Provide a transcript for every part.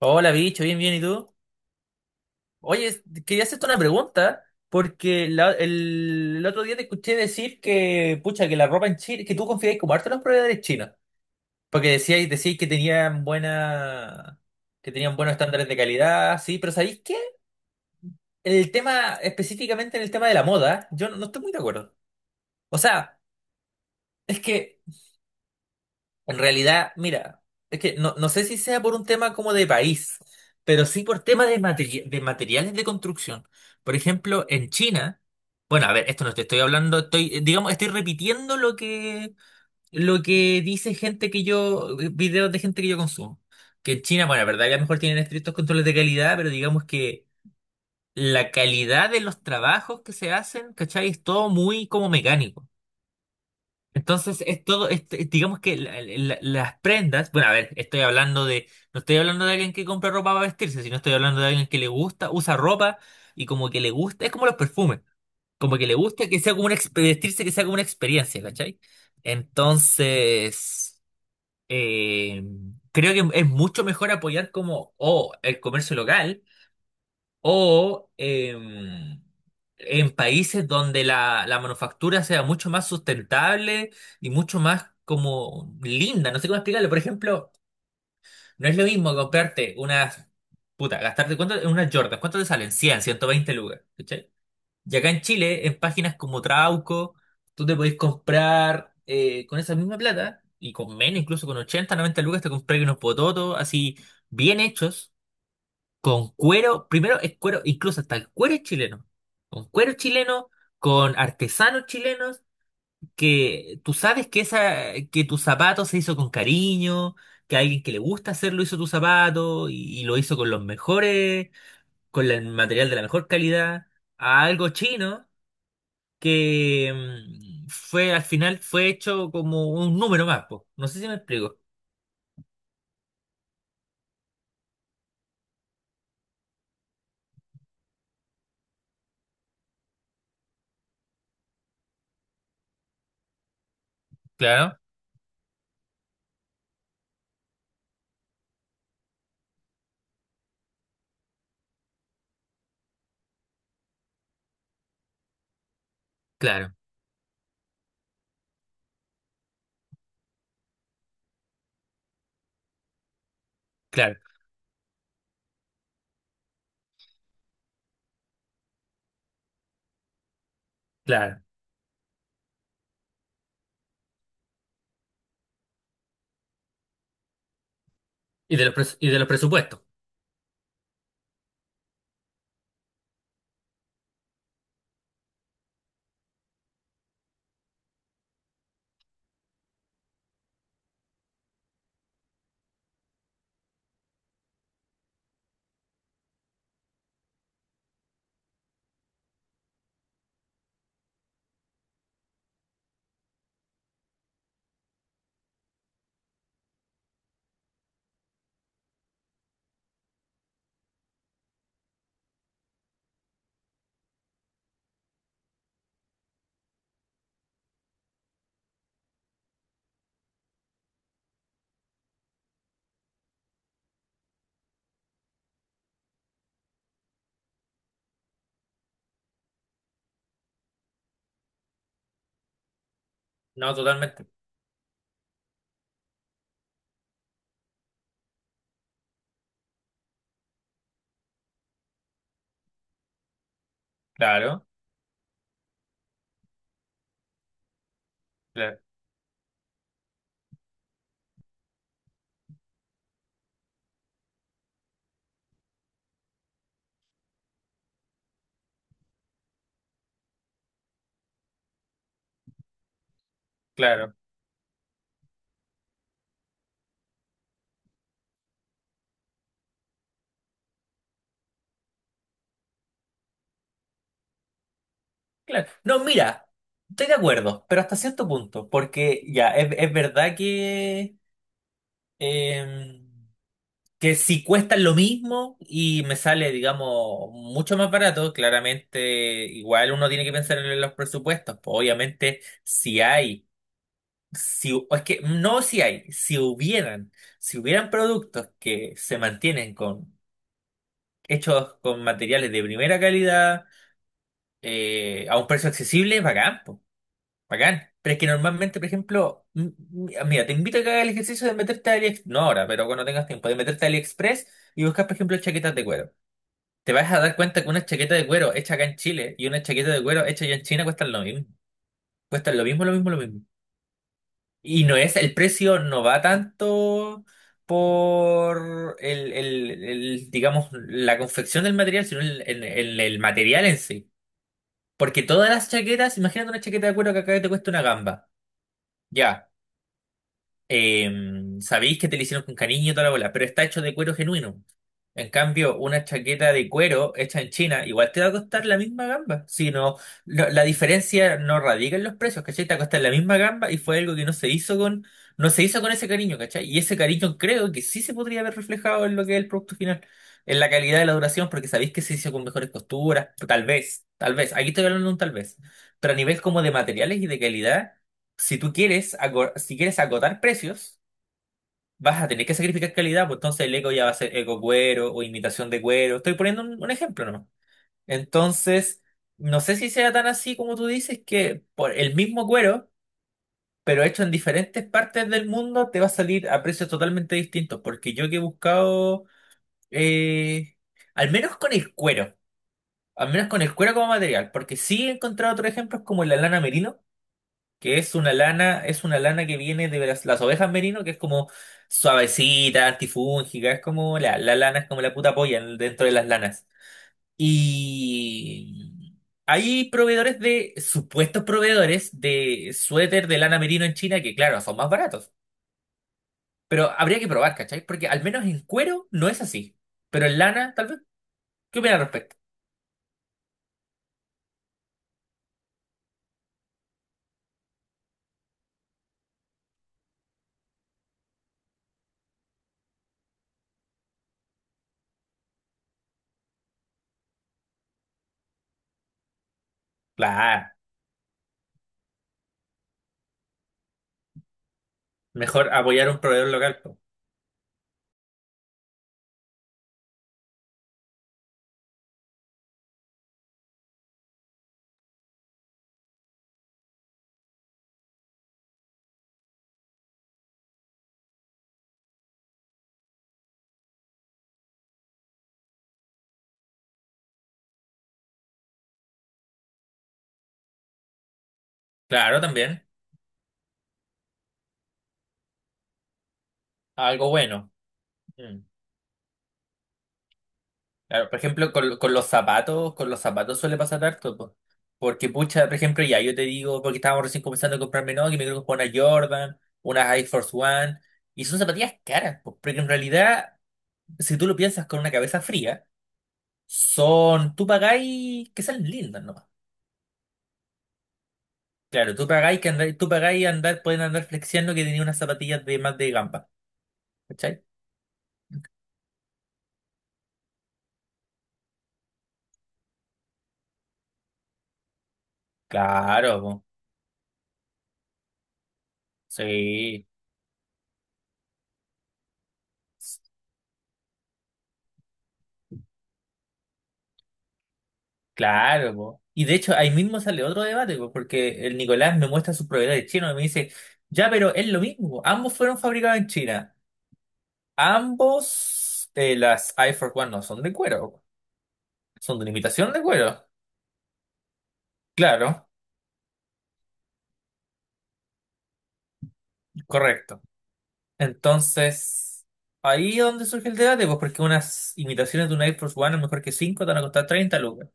Hola, bicho, bien, bien, ¿y tú? Oye, quería hacerte una pregunta, porque el otro día te escuché decir que, pucha, que la ropa en Chile, que tú confiabas como harto en los proveedores chinos, porque decías que tenían buena, que tenían buenos estándares de calidad, sí, pero ¿sabéis qué? El tema, específicamente en el tema de la moda, yo no estoy muy de acuerdo. O sea, es que en realidad, mira, es que no sé si sea por un tema como de país, pero sí por tema de, de materiales de construcción. Por ejemplo, en China, bueno, a ver, esto no te estoy hablando, estoy, digamos, estoy repitiendo lo que dice gente que yo, videos de gente que yo consumo. Que en China, bueno, la verdad que a lo mejor tienen estrictos controles de calidad, pero digamos que la calidad de los trabajos que se hacen, ¿cachai? Es todo muy como mecánico. Entonces, es todo, digamos que las prendas, bueno, a ver, estoy hablando de, no estoy hablando de alguien que compra ropa para vestirse, sino estoy hablando de alguien que le gusta, usa ropa y como que le gusta, es como los perfumes, como que le gusta que sea como una, vestirse que sea como una experiencia, ¿cachai? Entonces, eh, creo que es mucho mejor apoyar como, oh, el comercio local o en países donde la manufactura sea mucho más sustentable y mucho más como linda, no sé cómo explicarlo. Por ejemplo, no es lo mismo comprarte unas, puta, gastarte cuánto en unas Jordan, ¿cuánto te salen? 100, 120 lucas, ¿cachai? Y acá en Chile, en páginas como Trauco, tú te podés comprar con esa misma plata y con menos, incluso con 80, 90 lucas, te compras unos pototos así bien hechos con cuero, primero es cuero, incluso hasta el cuero es chileno, con cuero chileno, con artesanos chilenos, que tú sabes que, esa, que tu zapato se hizo con cariño, que alguien que le gusta hacerlo hizo tu zapato y lo hizo con los mejores, con el material de la mejor calidad, a algo chino que fue al final fue hecho como un número más, po. No sé si me explico. Claro, claro, claro, claro. Y de los, y de los presupuestos. No, totalmente. Claro. Claro, claro. Claro. No, mira, estoy de acuerdo, pero hasta cierto punto, porque ya, es verdad eh, que si cuesta lo mismo y me sale, digamos, mucho más barato, claramente igual uno tiene que pensar en los presupuestos. Pues, obviamente, si hay, si, es que no si hay, si hubieran, si hubieran productos que se mantienen con hechos con materiales de primera calidad a un precio accesible, bacán, pues. Bacán. Pero es que normalmente, por ejemplo, ah, mira, te invito a que hagas el ejercicio de meterte a AliExpress, no ahora, pero cuando tengas tiempo, de meterte a AliExpress y buscar, por ejemplo, chaquetas de cuero. Te vas a dar cuenta que una chaqueta de cuero hecha acá en Chile y una chaqueta de cuero hecha allá en China cuestan lo mismo. Cuestan lo mismo, lo mismo, lo mismo. Y no es, el precio no va tanto por digamos, la confección del material, sino el material en sí. Porque todas las chaquetas, imagínate una chaqueta de cuero que acá te cuesta una gamba. Ya. Sabéis que te lo hicieron con cariño y toda la bola, pero está hecho de cuero genuino. En cambio, una chaqueta de cuero hecha en China igual te va a costar la misma gamba. Si no, la diferencia no radica en los precios, ¿cachai? Te va a costar la misma gamba y fue algo que no se hizo con ese cariño, ¿cachai? Y ese cariño creo que sí se podría haber reflejado en lo que es el producto final, en la calidad de la duración, porque sabéis que se hizo con mejores costuras, tal vez, aquí estoy hablando de un tal vez, pero a nivel como de materiales y de calidad si tú quieres, si quieres agotar precios, vas a tener que sacrificar calidad, pues entonces el eco ya va a ser eco cuero o imitación de cuero. Estoy poniendo un ejemplo nomás. Entonces, no sé si sea tan así como tú dices, que por el mismo cuero, pero hecho en diferentes partes del mundo, te va a salir a precios totalmente distintos. Porque yo que he buscado, eh, al menos con el cuero, al menos con el cuero como material, porque sí he encontrado otros ejemplos como la lana merino que es una lana que viene de las ovejas merino, que es como suavecita, antifúngica, es como la lana, es como la puta polla dentro de las lanas. Y hay proveedores de, supuestos proveedores de suéter de lana merino en China que, claro, son más baratos. Pero habría que probar, ¿cachai? Porque al menos en cuero no es así. Pero en lana, tal vez. ¿Qué opinas al respecto? Claro, mejor apoyar a un proveedor local, po. Claro, también. Algo bueno. Mm. Claro, por ejemplo, con los zapatos suele pasar harto, po. Porque, pucha, por ejemplo, ya yo te digo, porque estábamos recién comenzando a comprarme, no, que me quiero comprar una Jordan, una Air Force One, y son zapatillas caras, po, porque en realidad, si tú lo piensas con una cabeza fría, son, tú pagáis que salen lindas, no. Claro, tú pagáis que andar, tú pagáis andar, pueden andar flexiando que tenía unas zapatillas de más de gamba, ¿cachai? Claro, po, sí. Claro, po. Y de hecho ahí mismo sale otro debate, po, porque el Nicolás me muestra sus propiedades chinas y me dice, ya, pero es lo mismo, ambos fueron fabricados en China, ambos, las Air Force One no son de cuero, po. Son de una imitación de cuero, claro, correcto. Entonces, ahí es donde surge el debate, pues porque unas imitaciones de una Air Force One, a lo mejor que 5 te van a costar 30 lucas,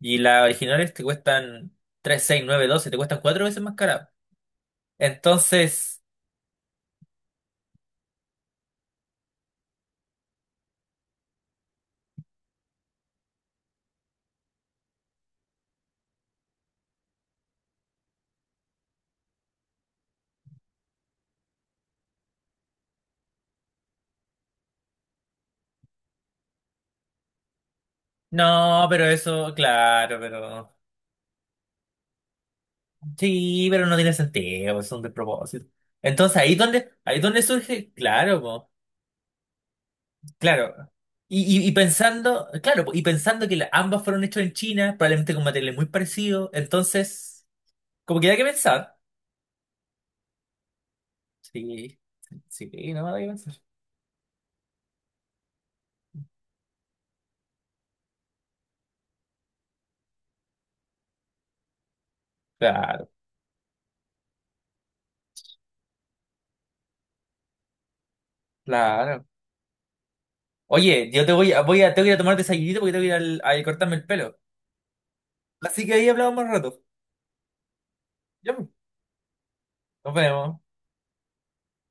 y las originales te cuestan 3, 6, 9, 12, te cuestan cuatro veces más cara. Entonces... No, pero eso, claro, pero sí, pero no tiene sentido, es un despropósito. Entonces ahí donde surge, claro, po, claro. Y pensando, claro, po, y pensando que ambas fueron hechas en China, probablemente con materiales muy parecidos, entonces, como que da que pensar. Sí, sí, no me da que pensar. Claro, claro. Oye, yo te voy a, voy a, tengo que ir a tomar desayunito porque tengo que ir al, a cortarme el pelo. Así que ahí hablamos más rato. Ya, pues, nos vemos.